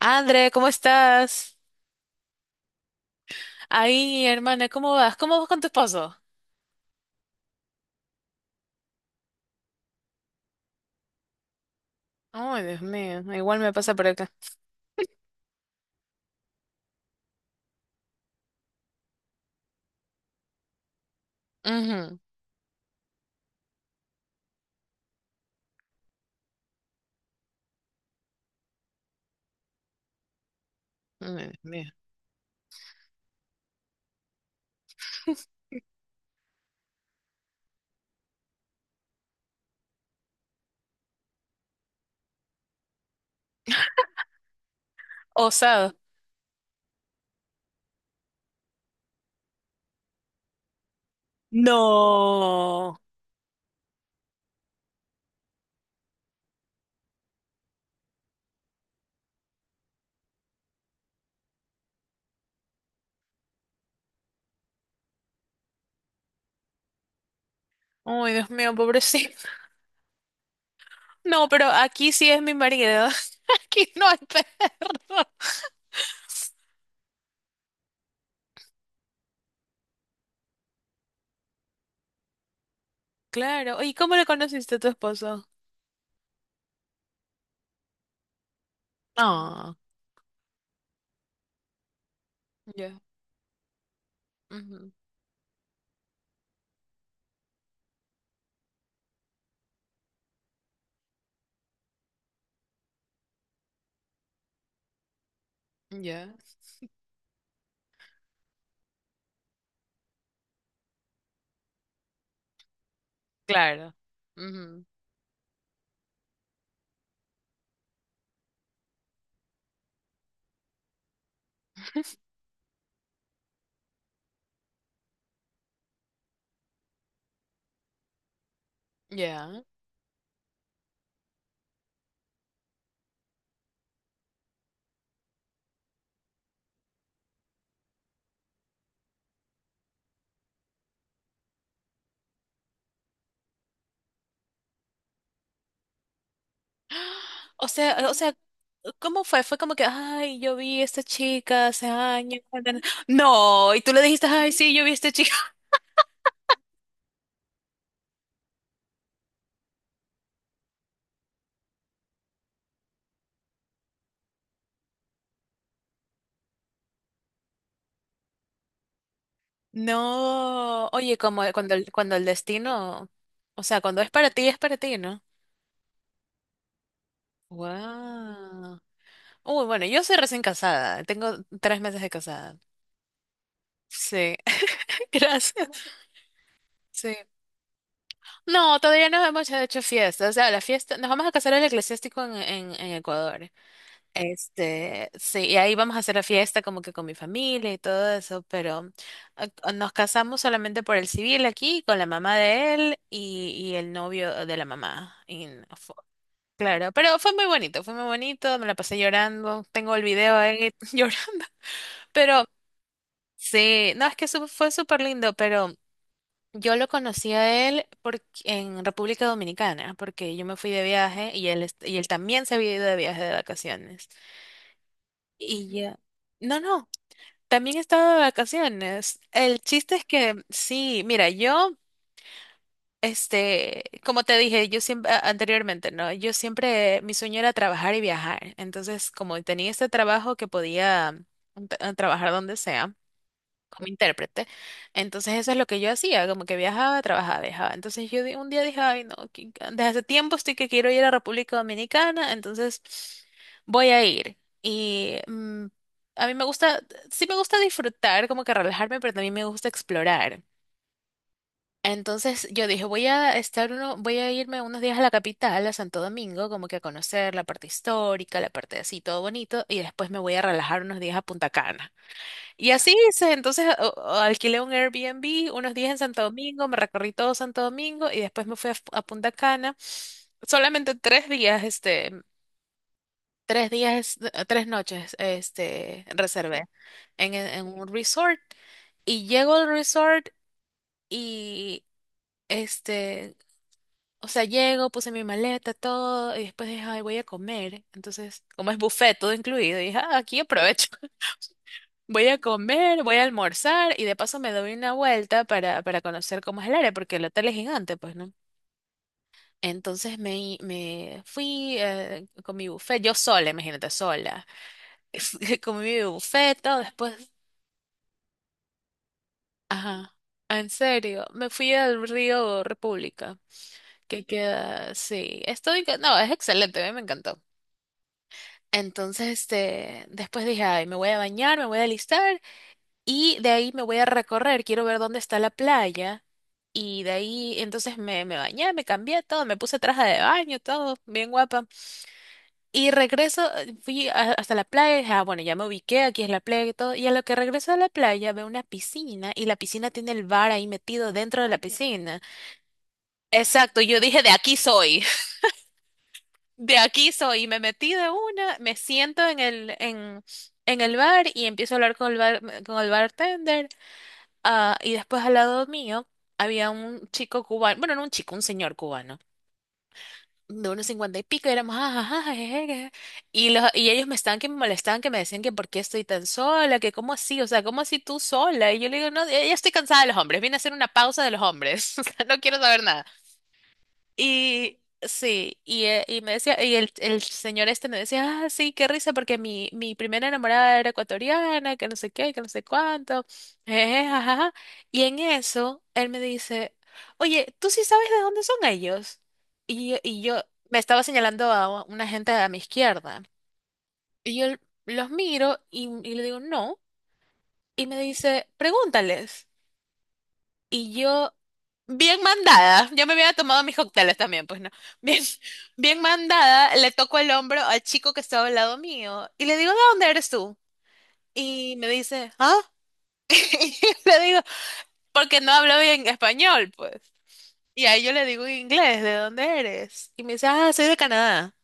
André, ¿cómo estás? Ahí, hermana, ¿cómo vas? ¿Cómo vas con tu esposo? Ay, Dios mío, igual me pasa por acá. Ujú. Ay, Dios mío. Osado. No. Ay, Dios mío, pobrecito. No, pero aquí sí es mi marido. Aquí no hay perro. Claro. ¿Y cómo le conociste a tu esposo? Ah, ya. Ujú. Ya. Claro. Ujú. Ya. O sea, ¿cómo fue? Fue como que, ay, yo vi a esta chica hace años. No, y tú le dijiste, ay, sí, yo vi a esta chica. No, oye, como cuando el destino, o sea, cuando es para ti, ¿no? Wow. Uy, bueno, yo soy recién casada, tengo 3 meses de casada. Sí, gracias. Sí. No, todavía no hemos hecho fiesta, o sea, la fiesta, nos vamos a casar el eclesiástico en Ecuador. Sí, y ahí vamos a hacer la fiesta como que con mi familia y todo eso, pero nos casamos solamente por el civil aquí, con la mamá de él y el novio de la mamá. Y no fu- Claro, pero fue muy bonito, me la pasé llorando, tengo el video ahí llorando, pero sí, no, es que fue súper lindo, pero yo lo conocí a él en República Dominicana, porque yo me fui de viaje y él también se había ido de viaje de vacaciones. Y ya. No, no. También estaba de vacaciones. El chiste es que sí, mira, yo, como te dije, yo siempre anteriormente, ¿no? Yo siempre, mi sueño era trabajar y viajar. Entonces, como tenía este trabajo que podía trabajar donde sea como intérprete. Entonces eso es lo que yo hacía, como que viajaba, trabajaba, viajaba. Entonces un día dije, ay, no, desde hace tiempo estoy que quiero ir a República Dominicana, entonces voy a ir. Y a mí me gusta, sí me gusta disfrutar, como que relajarme, pero también me gusta explorar. Entonces yo dije, voy a irme unos días a la capital, a Santo Domingo, como que a conocer la parte histórica, la parte así, todo bonito, y después me voy a relajar unos días a Punta Cana. Y así hice, entonces o alquilé un Airbnb unos días en Santo Domingo, me recorrí todo Santo Domingo y después me fui a Punta Cana. Solamente 3 días, 3 días, 3 noches, reservé en un resort. Y llego al resort y, este, o sea, llego, puse mi maleta, todo, y después dije, ay, voy a comer. Entonces, como es buffet, todo incluido, dije, ah, aquí aprovecho. Voy a comer, voy a almorzar y de paso me doy una vuelta para conocer cómo es el área, porque el hotel es gigante, pues, ¿no? Entonces me fui con mi buffet, yo sola, imagínate, sola. Comí mi buffet, todo, después, ajá, ah, en serio, me fui al río República, que queda, sí, no, es excelente, a mí me encantó. Entonces, después dije, ay, me voy a bañar, me voy a alistar. Y de ahí me voy a recorrer, quiero ver dónde está la playa. Y de ahí entonces me bañé, me cambié todo, me puse traje de baño, todo, bien guapa. Y regreso, fui hasta la playa, dije, ah, bueno, ya me ubiqué, aquí es la playa y todo. Y a lo que regreso a la playa veo una piscina y la piscina tiene el bar ahí metido dentro de la piscina. Exacto, yo dije, de aquí soy, de aquí soy. Y me metí de una, me siento en el bar y empiezo a hablar con el bar, con el bartender. Ah, y después al lado mío había un chico cubano, bueno, no un chico, un señor cubano, de unos cincuenta y pico, y éramos, "Ah, ah, ah, eh". Y ellos me estaban que me molestaban, que me decían que por qué estoy tan sola, que cómo así, o sea, cómo así tú sola, y yo le digo, no, ya ya estoy cansada de los hombres, vine a hacer una pausa de los hombres, o sea, no quiero saber nada. Y sí, y me decía, y el señor este me decía, ah, sí, qué risa, porque mi primera enamorada era ecuatoriana, que no sé qué, que no sé cuánto, jeje, jajaja. Y en eso, él me dice, oye, ¿tú sí sabes de dónde son ellos? Y yo me estaba señalando a una gente a mi izquierda. Y yo los miro y le digo, no. Y me dice, pregúntales. Y yo bien mandada, yo me había tomado mis cócteles también, pues no. Bien, bien mandada, le toco el hombro al chico que estaba al lado mío y le digo, ¿de dónde eres tú? Y me dice, ¿ah? Y le digo, porque no hablo bien español, pues. Y ahí yo le digo en inglés, ¿de dónde eres? Y me dice, ah, soy de Canadá.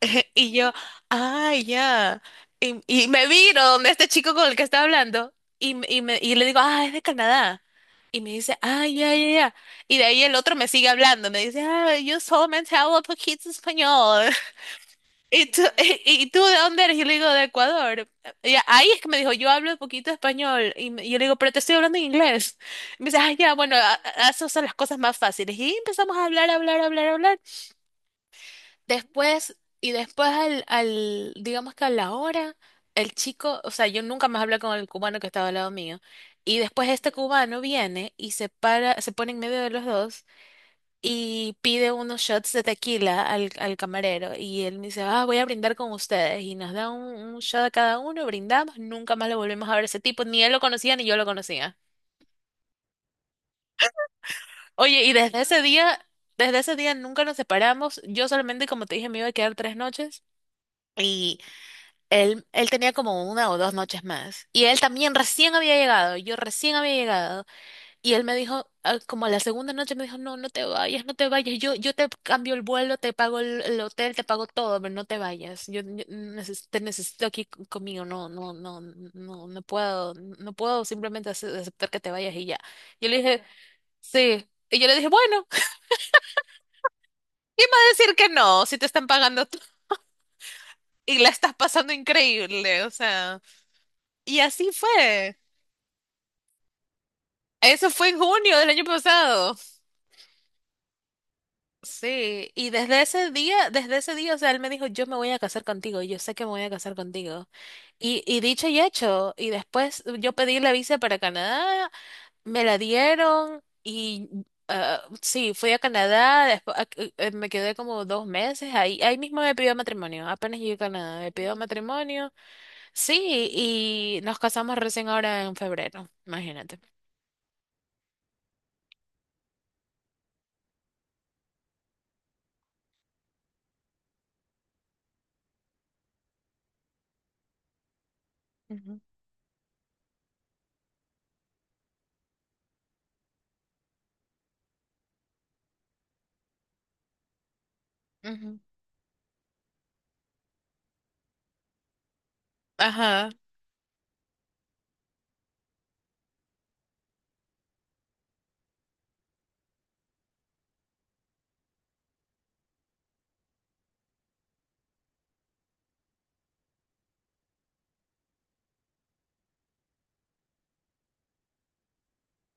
Y yo, ay, ya. Y me viro donde este chico con el que estaba hablando y le digo, ah, es de Canadá. Y me dice, ay, ya, ya, ya. Y de ahí el otro me sigue hablando, me dice, ah, yo solamente hablo poquito español. ¿Y tú de dónde eres? Yo le digo, de Ecuador. Y ahí es que me dijo, yo hablo poquito español. Yo le digo, pero te estoy hablando en inglés. Y me dice, ah, ya, bueno, esas son las cosas más fáciles. Y empezamos a hablar, hablar, hablar, hablar. Después, y después al, digamos que a la hora, el chico, o sea, yo nunca más hablé con el cubano que estaba al lado mío. Y después este cubano viene y se para, se pone en medio de los dos y pide unos shots de tequila al camarero. Y él me dice, ah, voy a brindar con ustedes. Y nos da un shot a cada uno, brindamos, nunca más lo volvimos a ver a ese tipo. Ni él lo conocía ni yo lo conocía. Oye, y desde ese día nunca nos separamos. Yo solamente, como te dije, me iba a quedar 3 noches. Y él tenía como 1 o 2 noches más. Y él también recién había llegado, yo recién había llegado. Y él me dijo, ah, como la segunda noche me dijo, no, no te vayas, no te vayas. Yo te cambio el vuelo, te pago el hotel, te pago todo, pero no te vayas. Yo te necesito aquí conmigo. No, no, no, no, no puedo, no puedo simplemente aceptar que te vayas y ya. Yo le dije, sí. Y yo le dije, bueno, ¿cómo vas a decir que no, si te están pagando tú y la estás pasando increíble, o sea? Y así fue. Eso fue en junio del año pasado. Sí, y desde ese día, o sea, él me dijo, yo me voy a casar contigo, yo sé que me voy a casar contigo. Y dicho y hecho, y después yo pedí la visa para Canadá, me la dieron y sí, fui a Canadá, después me quedé como 2 meses, ahí mismo me pidió matrimonio, apenas llegué a Canadá, me pidió matrimonio, sí, y nos casamos recién ahora en febrero, imagínate. Ujú, ujú. Ajá.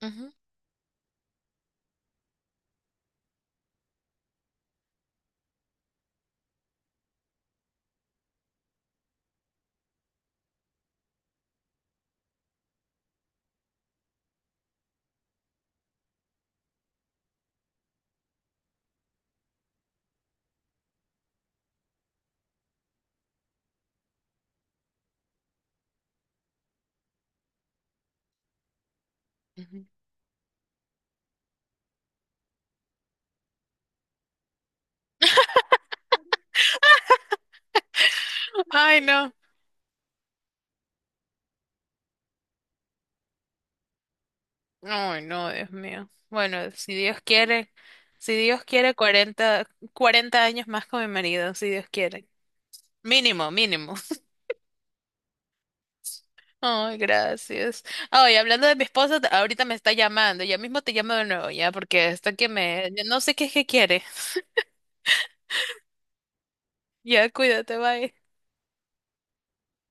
Ujú, ujú. Ay, no. Ay, no, Dios mío. Bueno, si Dios quiere, si Dios quiere cuarenta años más con mi marido, si Dios quiere. Mínimo, mínimo. Ay, gracias. Ay, hablando de mi esposa, ahorita me está llamando. Ya mismo te llamo de nuevo, ya, porque hasta que me. No sé qué es que quiere. Ya, cuídate, bye.